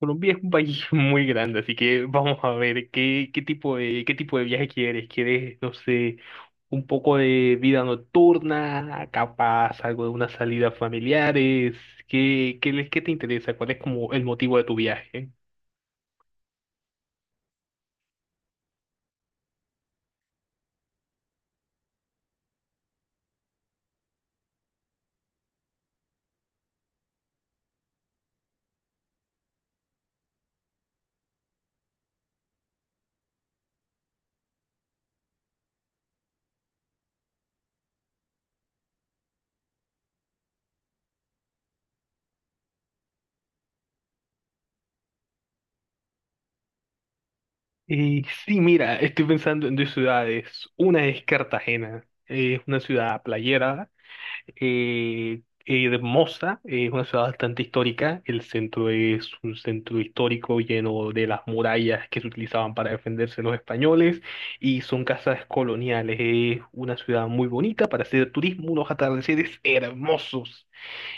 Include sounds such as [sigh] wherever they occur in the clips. Colombia es un país [laughs] muy grande, así que vamos a ver qué tipo de viaje quieres. ¿Quieres, no sé, un poco de vida nocturna, capaz algo de unas salidas familiares? ¿Qué te interesa? ¿Cuál es como el motivo de tu viaje? Sí, mira, estoy pensando en dos ciudades. Una es Cartagena, es una ciudad playera, hermosa, es una ciudad bastante histórica. El centro es un centro histórico lleno de las murallas que se utilizaban para defenderse los españoles y son casas coloniales. Es una ciudad muy bonita para hacer turismo, unos atardeceres hermosos.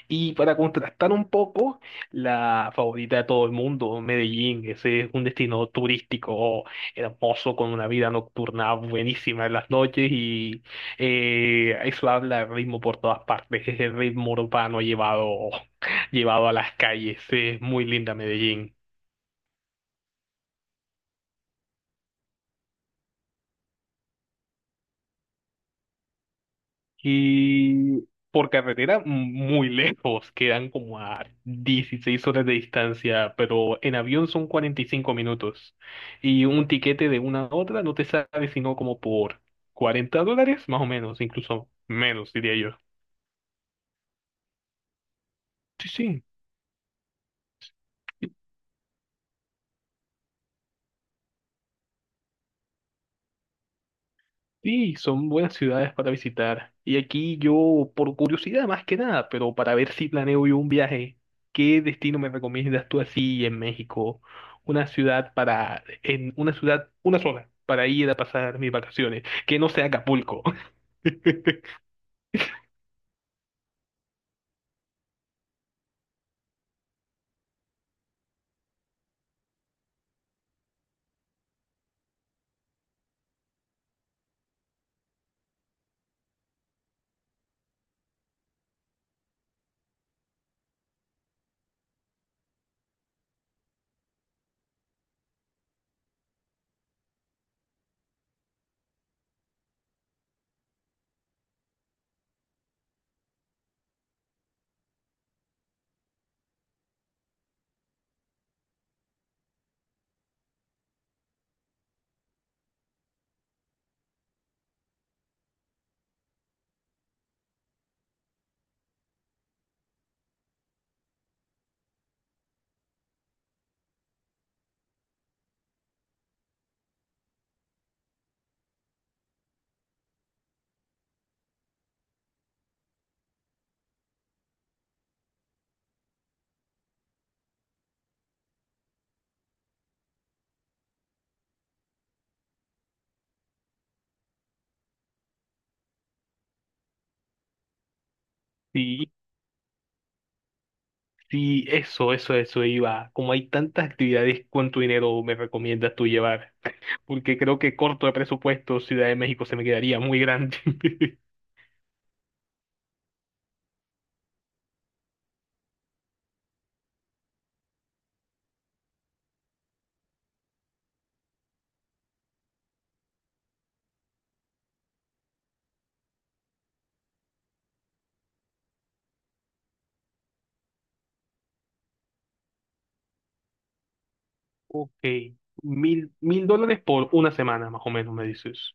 Y para contrastar un poco, la favorita de todo el mundo, Medellín, ese es un destino turístico hermoso con una vida nocturna buenísima en las noches y eso habla de ritmo por todas partes, es el ritmo urbano llevado, [laughs] llevado a las calles, es muy linda Medellín. Y por carretera muy lejos, quedan como a 16 horas de distancia, pero en avión son 45 minutos. Y un tiquete de una a otra no te sale sino como por $40, más o menos, incluso menos, diría yo. Sí, sí. Sí, son buenas ciudades para visitar. Y aquí yo, por curiosidad más que nada, pero para ver si planeo yo un viaje, ¿qué destino me recomiendas tú así en México? Una ciudad para, en una ciudad, una sola, para ir a pasar mis vacaciones, que no sea Acapulco. [laughs] Sí, sí, eso iba. Como hay tantas actividades, ¿cuánto dinero me recomiendas tú llevar? Porque creo que corto de presupuesto, Ciudad de México se me quedaría muy grande. [laughs] Ok, mil dólares por una semana, más o menos, me dices.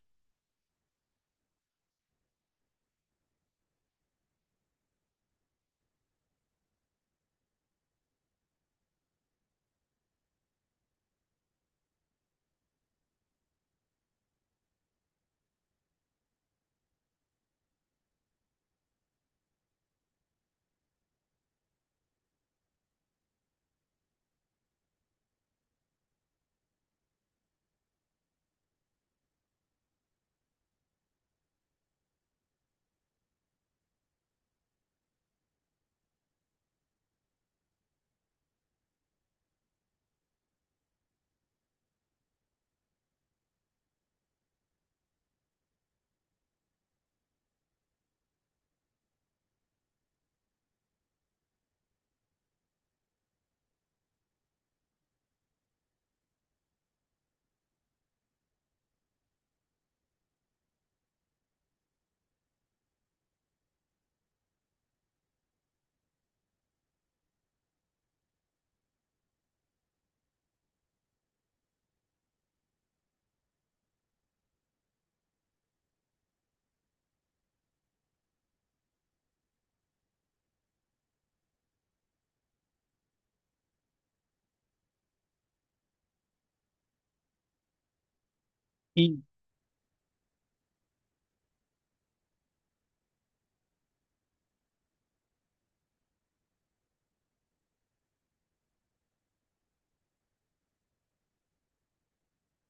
Y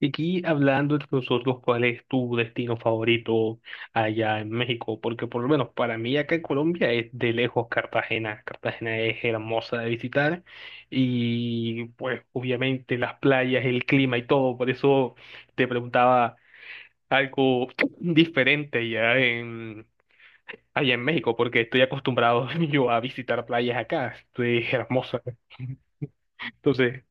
aquí hablando entre nosotros, ¿cuál es tu destino favorito allá en México? Porque por lo menos para mí acá en Colombia es de lejos Cartagena. Cartagena es hermosa de visitar y pues obviamente las playas, el clima y todo. Por eso te preguntaba algo [clears throat] diferente allá en México, porque estoy acostumbrado [laughs] yo a visitar playas acá. Es hermosa. Entonces.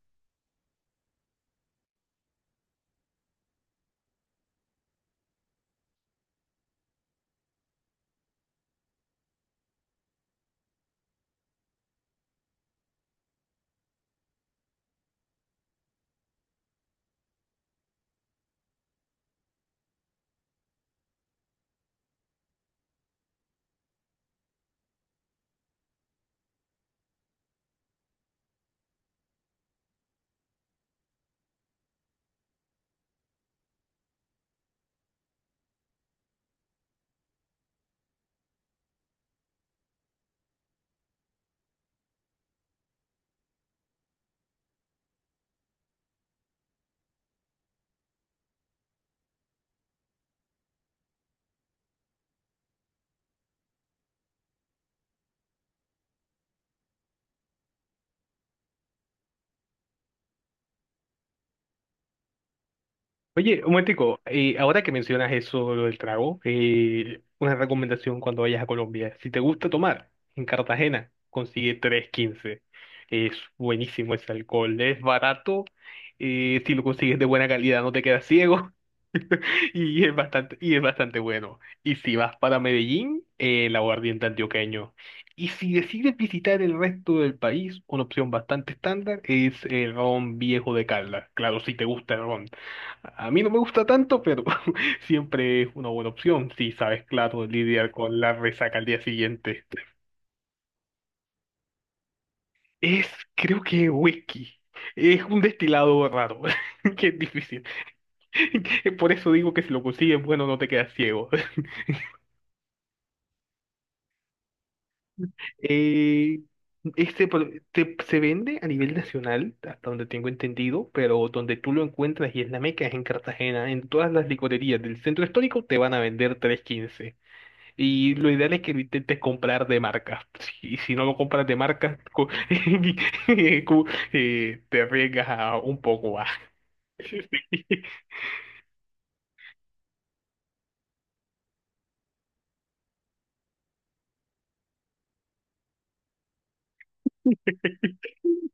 Oye, un momentico, ahora que mencionas eso, lo del trago, una recomendación cuando vayas a Colombia. Si te gusta tomar, en Cartagena, consigue 315. Es buenísimo ese alcohol, es barato, si lo consigues de buena calidad no te quedas ciego. Y es bastante bueno. Y si vas para Medellín, el aguardiente antioqueño. Y si decides visitar el resto del país, una opción bastante estándar es el ron viejo de Caldas. Claro, si te gusta el ron. A mí no me gusta tanto, pero [laughs] siempre es una buena opción si sabes, claro, lidiar con la resaca al día siguiente. Es, creo que whisky. Es un destilado raro, [laughs] que es difícil. [laughs] Por eso digo que si lo consigues, bueno, no te quedas ciego. Eh, se vende a nivel nacional, hasta donde tengo entendido, pero donde tú lo encuentras y es la meca es en Cartagena. En todas las licorerías del centro histórico te van a vender tres quince. Y lo ideal es que lo intentes comprar de marca. Y si no lo compras de marca, [laughs] co- te arriesgas a un poco más. [laughs]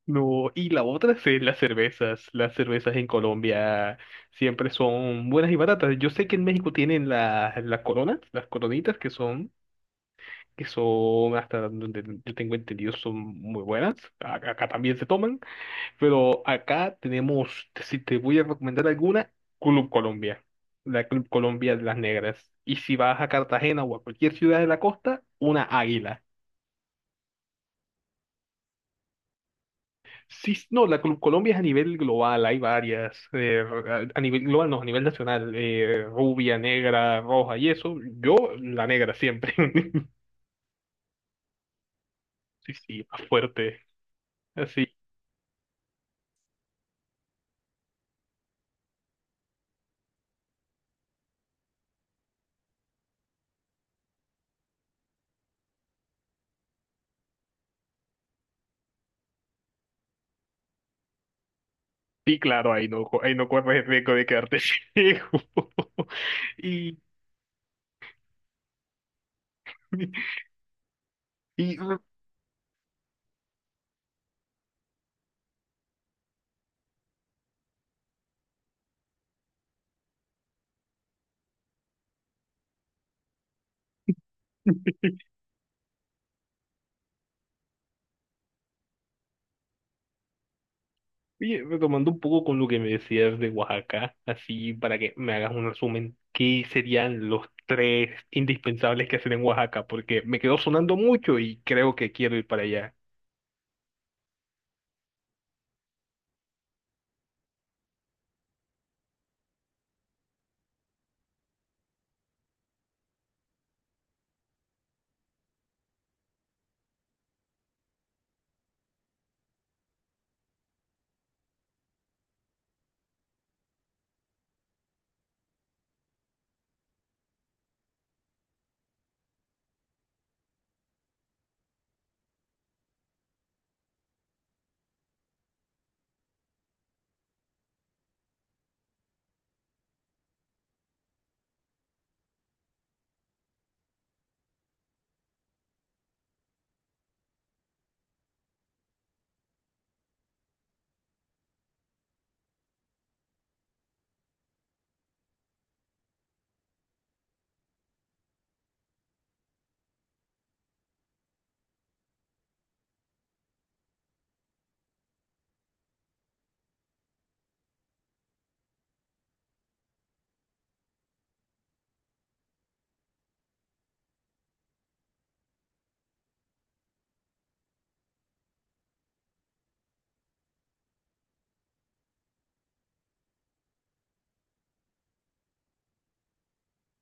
No, y la otra es las cervezas. Las cervezas en Colombia siempre son buenas y baratas. Yo sé que en México tienen las coronas, las coronitas que son, hasta donde yo tengo entendido, son muy buenas. Acá, también se toman, pero acá tenemos, si te voy a recomendar alguna, Club Colombia. La Club Colombia de las Negras. Y si vas a Cartagena o a cualquier ciudad de la costa, una águila. Sí, no, la Colombia es a nivel global, hay varias, a nivel global, no, a nivel nacional, rubia, negra, roja y eso, yo la negra siempre, [laughs] sí, sí, más fuerte, así, sí, claro, ahí no corres el riesgo de quedarte ciego, [laughs] y, y [laughs] Oye, retomando un poco con lo que me decías de Oaxaca, así para que me hagas un resumen, ¿qué serían los tres indispensables que hacer en Oaxaca? Porque me quedó sonando mucho y creo que quiero ir para allá.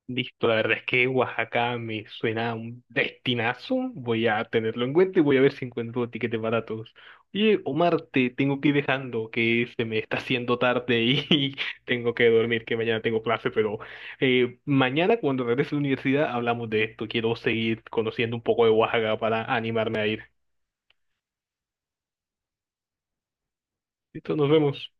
Listo, la verdad es que Oaxaca me suena a un destinazo. Voy a tenerlo en cuenta y voy a ver si encuentro tiquetes baratos. Oye, Omar, te tengo que ir dejando, que se me está haciendo tarde y [laughs] y tengo que dormir, que mañana tengo clase, pero mañana cuando regrese a la universidad hablamos de esto. Quiero seguir conociendo un poco de Oaxaca para animarme a ir. Listo, nos vemos.